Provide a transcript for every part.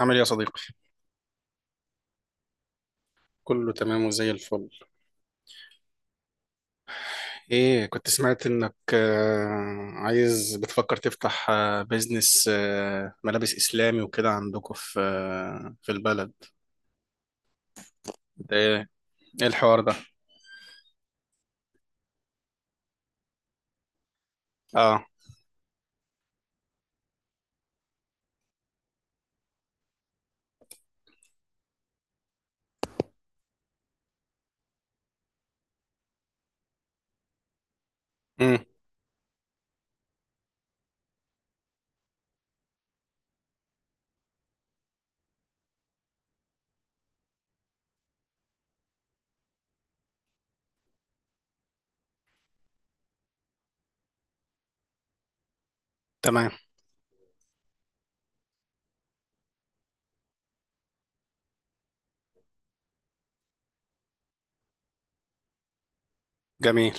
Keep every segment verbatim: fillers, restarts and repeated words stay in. عامل ايه يا صديقي؟ كله تمام وزي الفل. ايه كنت سمعت انك آه، عايز بتفكر تفتح آه، بيزنس آه، ملابس اسلامي وكده عندكم في آه، في البلد. ده ايه ايه الحوار ده؟ اه. امم. تمام. جميل.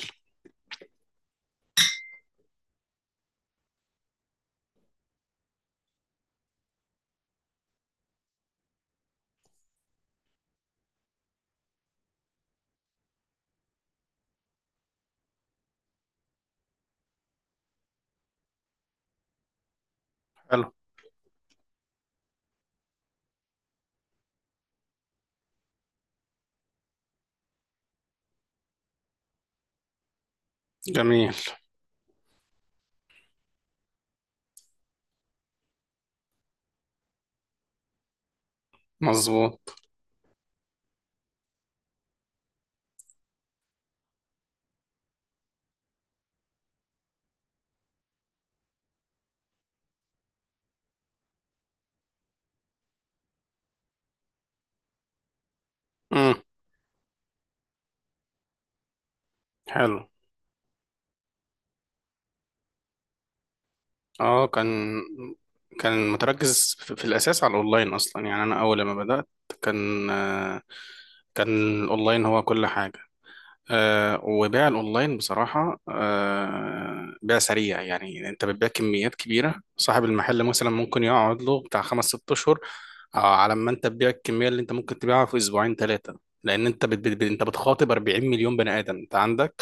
حلو. جميل. مظبوط. امم. حلو. اه. كان كان متركز في في الاساس على الاونلاين اصلا، يعني انا اول ما بدأت كان آه، كان الاونلاين هو كل حاجة. آه وبيع الاونلاين بصراحه آه بيع سريع، يعني انت بتبيع كميات كبيره. صاحب المحل مثلا ممكن يقعد له بتاع خمس ست اشهر آه على ما انت تبيع الكميه اللي انت ممكن تبيعها في اسبوعين ثلاثه، لان انت بت بت انت بتخاطب أربعين مليون بني ادم. انت عندك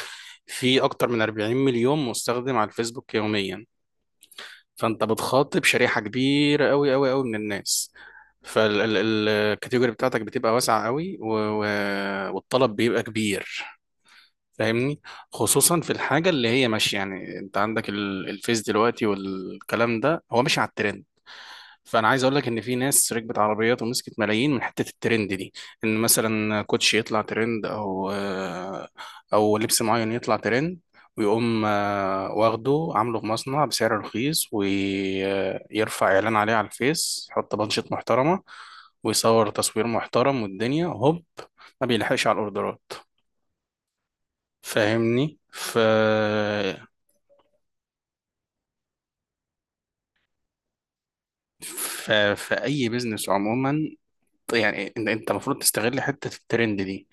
في اكتر من أربعين مليون مستخدم على الفيسبوك يوميا، فانت بتخاطب شريحه كبيره قوي قوي قوي من الناس. فالكاتيجوري بتاعتك بتبقى واسعه قوي، و... و... والطلب بيبقى كبير. فاهمني؟ خصوصا في الحاجه اللي هي ماشيه، يعني انت عندك ال- الفيس دلوقتي والكلام ده هو ماشي على الترند. فانا عايز اقول لك ان في ناس ركبت عربيات ومسكت ملايين من حته الترند دي. ان مثلا كوتش يطلع ترند او آه، او لبس معين يطلع ترند، ويقوم آه، واخده عامله في مصنع بسعر رخيص ويرفع اعلان عليه على الفيس، يحط بانشات محترمه ويصور تصوير محترم والدنيا هوب، ما بيلحقش على الاوردرات. فاهمني؟ ف... ف... في اي بيزنس عموما، يعني انت انت المفروض تستغل حته الترند دي،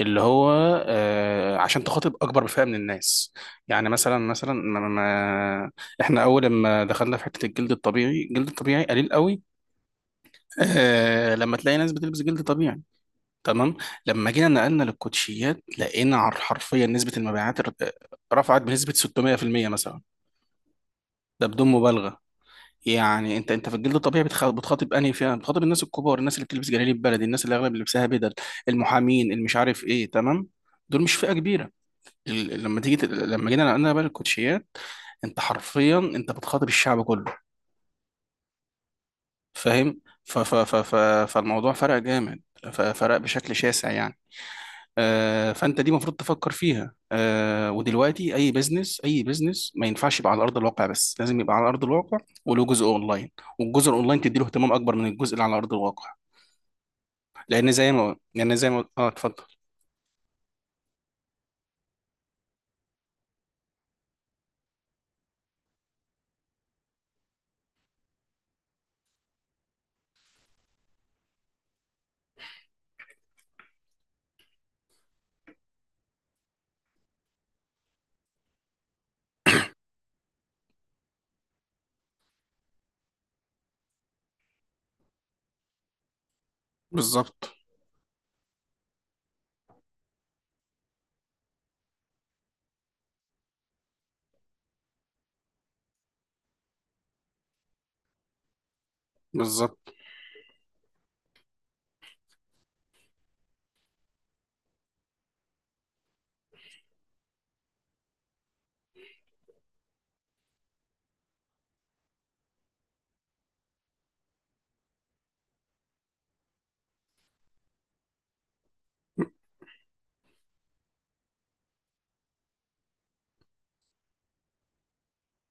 اللي هو آه، عشان تخاطب اكبر فئه من الناس. يعني مثلا مثلا ما ما احنا اول ما دخلنا في حته الجلد الطبيعي، الجلد الطبيعي قليل قوي، آه، لما تلاقي ناس بتلبس جلد طبيعي. تمام. لما جينا نقلنا للكوتشيات لقينا عر- حرفيا نسبه المبيعات ر- رفعت بنسبه ستمية في المية مثلا، ده بدون مبالغه. يعني انت انت في الجلد الطبيعي بتخ- بتخاطب انهي فئه؟ بتخاطب الناس الكبار، الناس اللي بتلبس جلاليب بلدي، الناس اللي اغلب لبسها بدل، المحامين اللي مش عارف ايه، تمام؟ دول مش فئه كبيره. ال- لما تيجي ت- لما جينا نقلنا بقى الكوتشيات، انت حرفيا انت بتخاطب الشعب كله. فاهم؟ ف ف ف ف فالموضوع فرق جامد، ف- فرق بشكل شاسع يعني. آه، فانت دي المفروض تفكر فيها. آه، ودلوقتي اي بزنس، اي بزنس ما ينفعش يبقى على ارض الواقع بس، لازم يبقى على ارض الواقع وله جزء اونلاين، والجزء الاونلاين تدي له اهتمام اكبر من الجزء اللي على ارض الواقع. لان زي ما لان زي ما اه اتفضل. بالظبط. بالظبط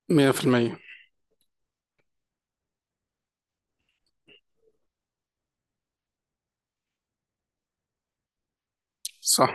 مئة بالمئة. صح.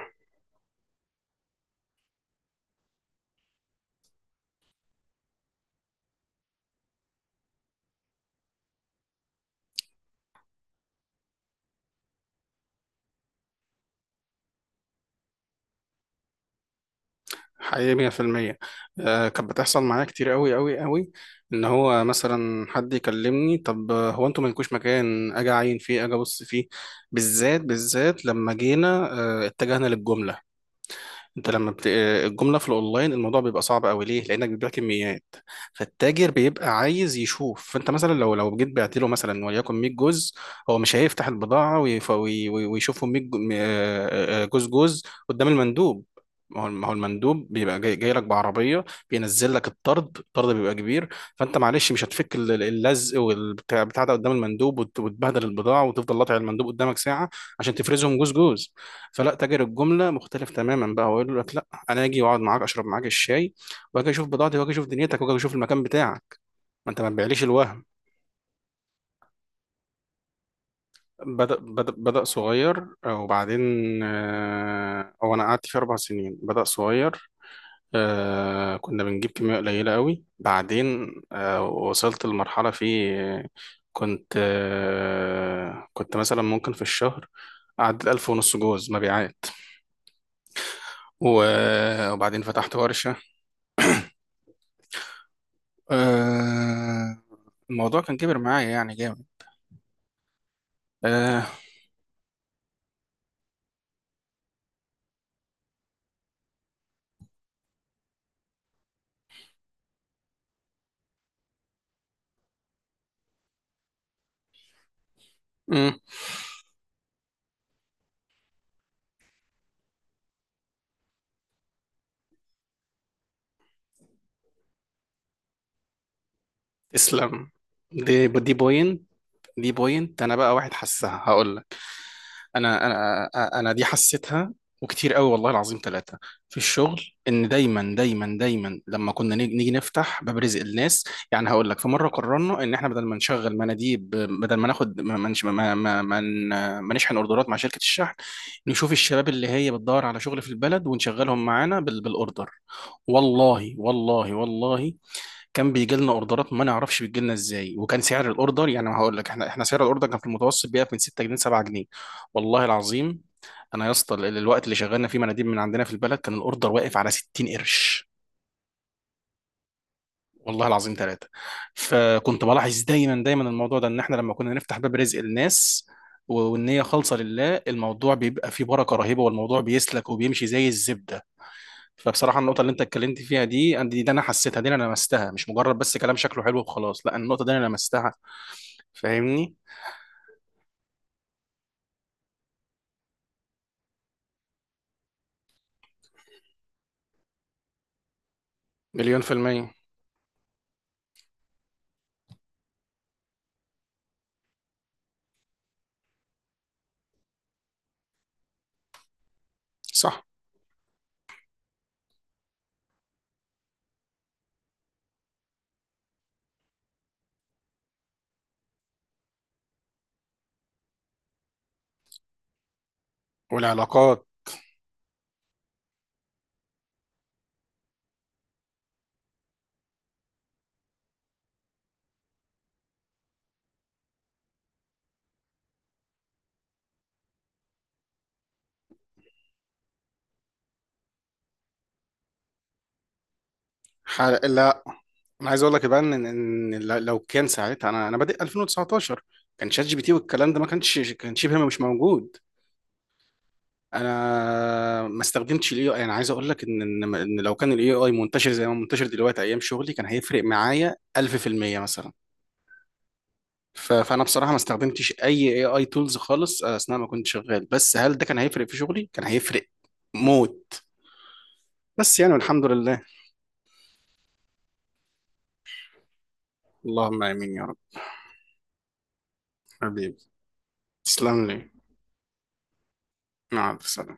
حقيقي مية في المية. آه كانت بتحصل معايا كتير قوي قوي قوي، ان هو مثلا حد يكلمني، طب آه، هو انتوا مالكوش مكان اجي اعين فيه، اجي ابص فيه؟ بالذات بالذات لما جينا آه اتجهنا للجمله. انت لما بت... الجمله في الاونلاين الموضوع بيبقى صعب قوي، ليه؟ لانك بتبيع كميات. فالتاجر بيبقى عايز يشوف، فانت مثلا لو لو جيت بعت له مثلا وليكن مية جزء، هو مش هيفتح البضاعه ويف... وي... وي- ويشوفهم مية جو- آه، آه، آه، جزء جزء قدام المندوب. ما هو ما هو المندوب بيبقى جاي, جاي لك بعربيه، بينزل لك الطرد الطرد بيبقى كبير. فانت معلش مش هتفك ال- ال- اللزق والبتاع بتاع ده قدام المندوب وت- وتبهدل البضاعه وتفضل قاطع المندوب قدامك ساعه عشان تفرزهم جزء جزء. فلا، تاجر الجمله مختلف تماما بقى، هو يقول لك لا، انا اجي واقعد معاك اشرب معاك الشاي، واجي اشوف بضاعتي، واجي اشوف دنيتك، واجي اشوف المكان بتاعك. ما انت ما تبيعليش الوهم. بدأ بدأ بدأ صغير، آه، وبعدين آه، هو انا قعدت فيه اربع سنين. بدأ صغير، آه، كنا بنجيب كمية قليلة قوي، بعدين آه، وصلت لمرحلة فيه آه، كنت آه، كنت مثلا ممكن في الشهر أعدل ألف ونص جوز مبيعات. و- وبعدين فتحت ورشة. آه الموضوع كان كبر معايا يعني جامد. آه. مم. تسلم. دي دي بوينت. دي بوينت، انا بقى واحد حسها، هقول لك. انا انا انا دي حسيتها، وكتير قوي، والله العظيم ثلاثة في الشغل، ان دايما دايما دايما لما كنا نيجي نيجي نفتح باب رزق الناس. يعني هقول لك، في مرة قررنا ان احنا بدل ما نشغل مناديب، بدل ما ناخد ما ما ما ما, ما ن- ما نشحن اوردرات مع شركة الشحن، نشوف الشباب اللي هي بتدور على شغل في البلد ونشغلهم معانا بال- بالاوردر. والله والله والله، كان بيجي لنا اوردرات ما نعرفش بتجي لنا ازاي، وكان سعر الاوردر، يعني هقول لك، احنا احنا سعر الاوردر كان في المتوسط بيقف من ستة جنيه، سبعة جنيه، والله العظيم. انا يا اسطى ال- الوقت اللي شغلنا فيه مناديب من عندنا في البلد، كان الاوردر واقف على 60 قرش، والله العظيم ثلاثة. فكنت بلاحظ دايما دايما الموضوع ده، ان احنا لما كنا نفتح باب رزق الناس و- والنية خالصة لله، الموضوع بيبقى فيه بركة رهيبة، والموضوع بيسلك وبيمشي زي الزبدة. فبصراحه النقطه اللي انت اتكلمت فيها دي، أنا- دي, دي انا حسيتها، دي انا لمستها، مش مجرد بس كلام شكله حلو وخلاص، لا، النقطه دي انا لمستها. فاهمني؟ مليون في المية. صح. والعلاقات. ح... لا، انا عايز اقول لك بقى ان إن ل- لو كان ساعتها انا انا بادئ ألفين وتسعة عشر، كان شات جي بي تي والكلام ده ما كانش، كان شبه مش موجود. انا ما استخدمتش الاي اي. انا عايز اقول لك ان ان إن لو كان الاي اي منتشر زي ما منتشر دلوقتي ايام شغلي، كان هيفرق معايا ألف في المية مثلا. ف- فانا بصراحه ما استخدمتش اي اي اي تولز خالص، آه، اثناء ما كنت شغال، بس هل ده كان هيفرق في شغلي؟ كان هيفرق موت. بس يعني، والحمد لله. اللهم امين يا رب. حبيبي. تسلم لي. مع السلامه.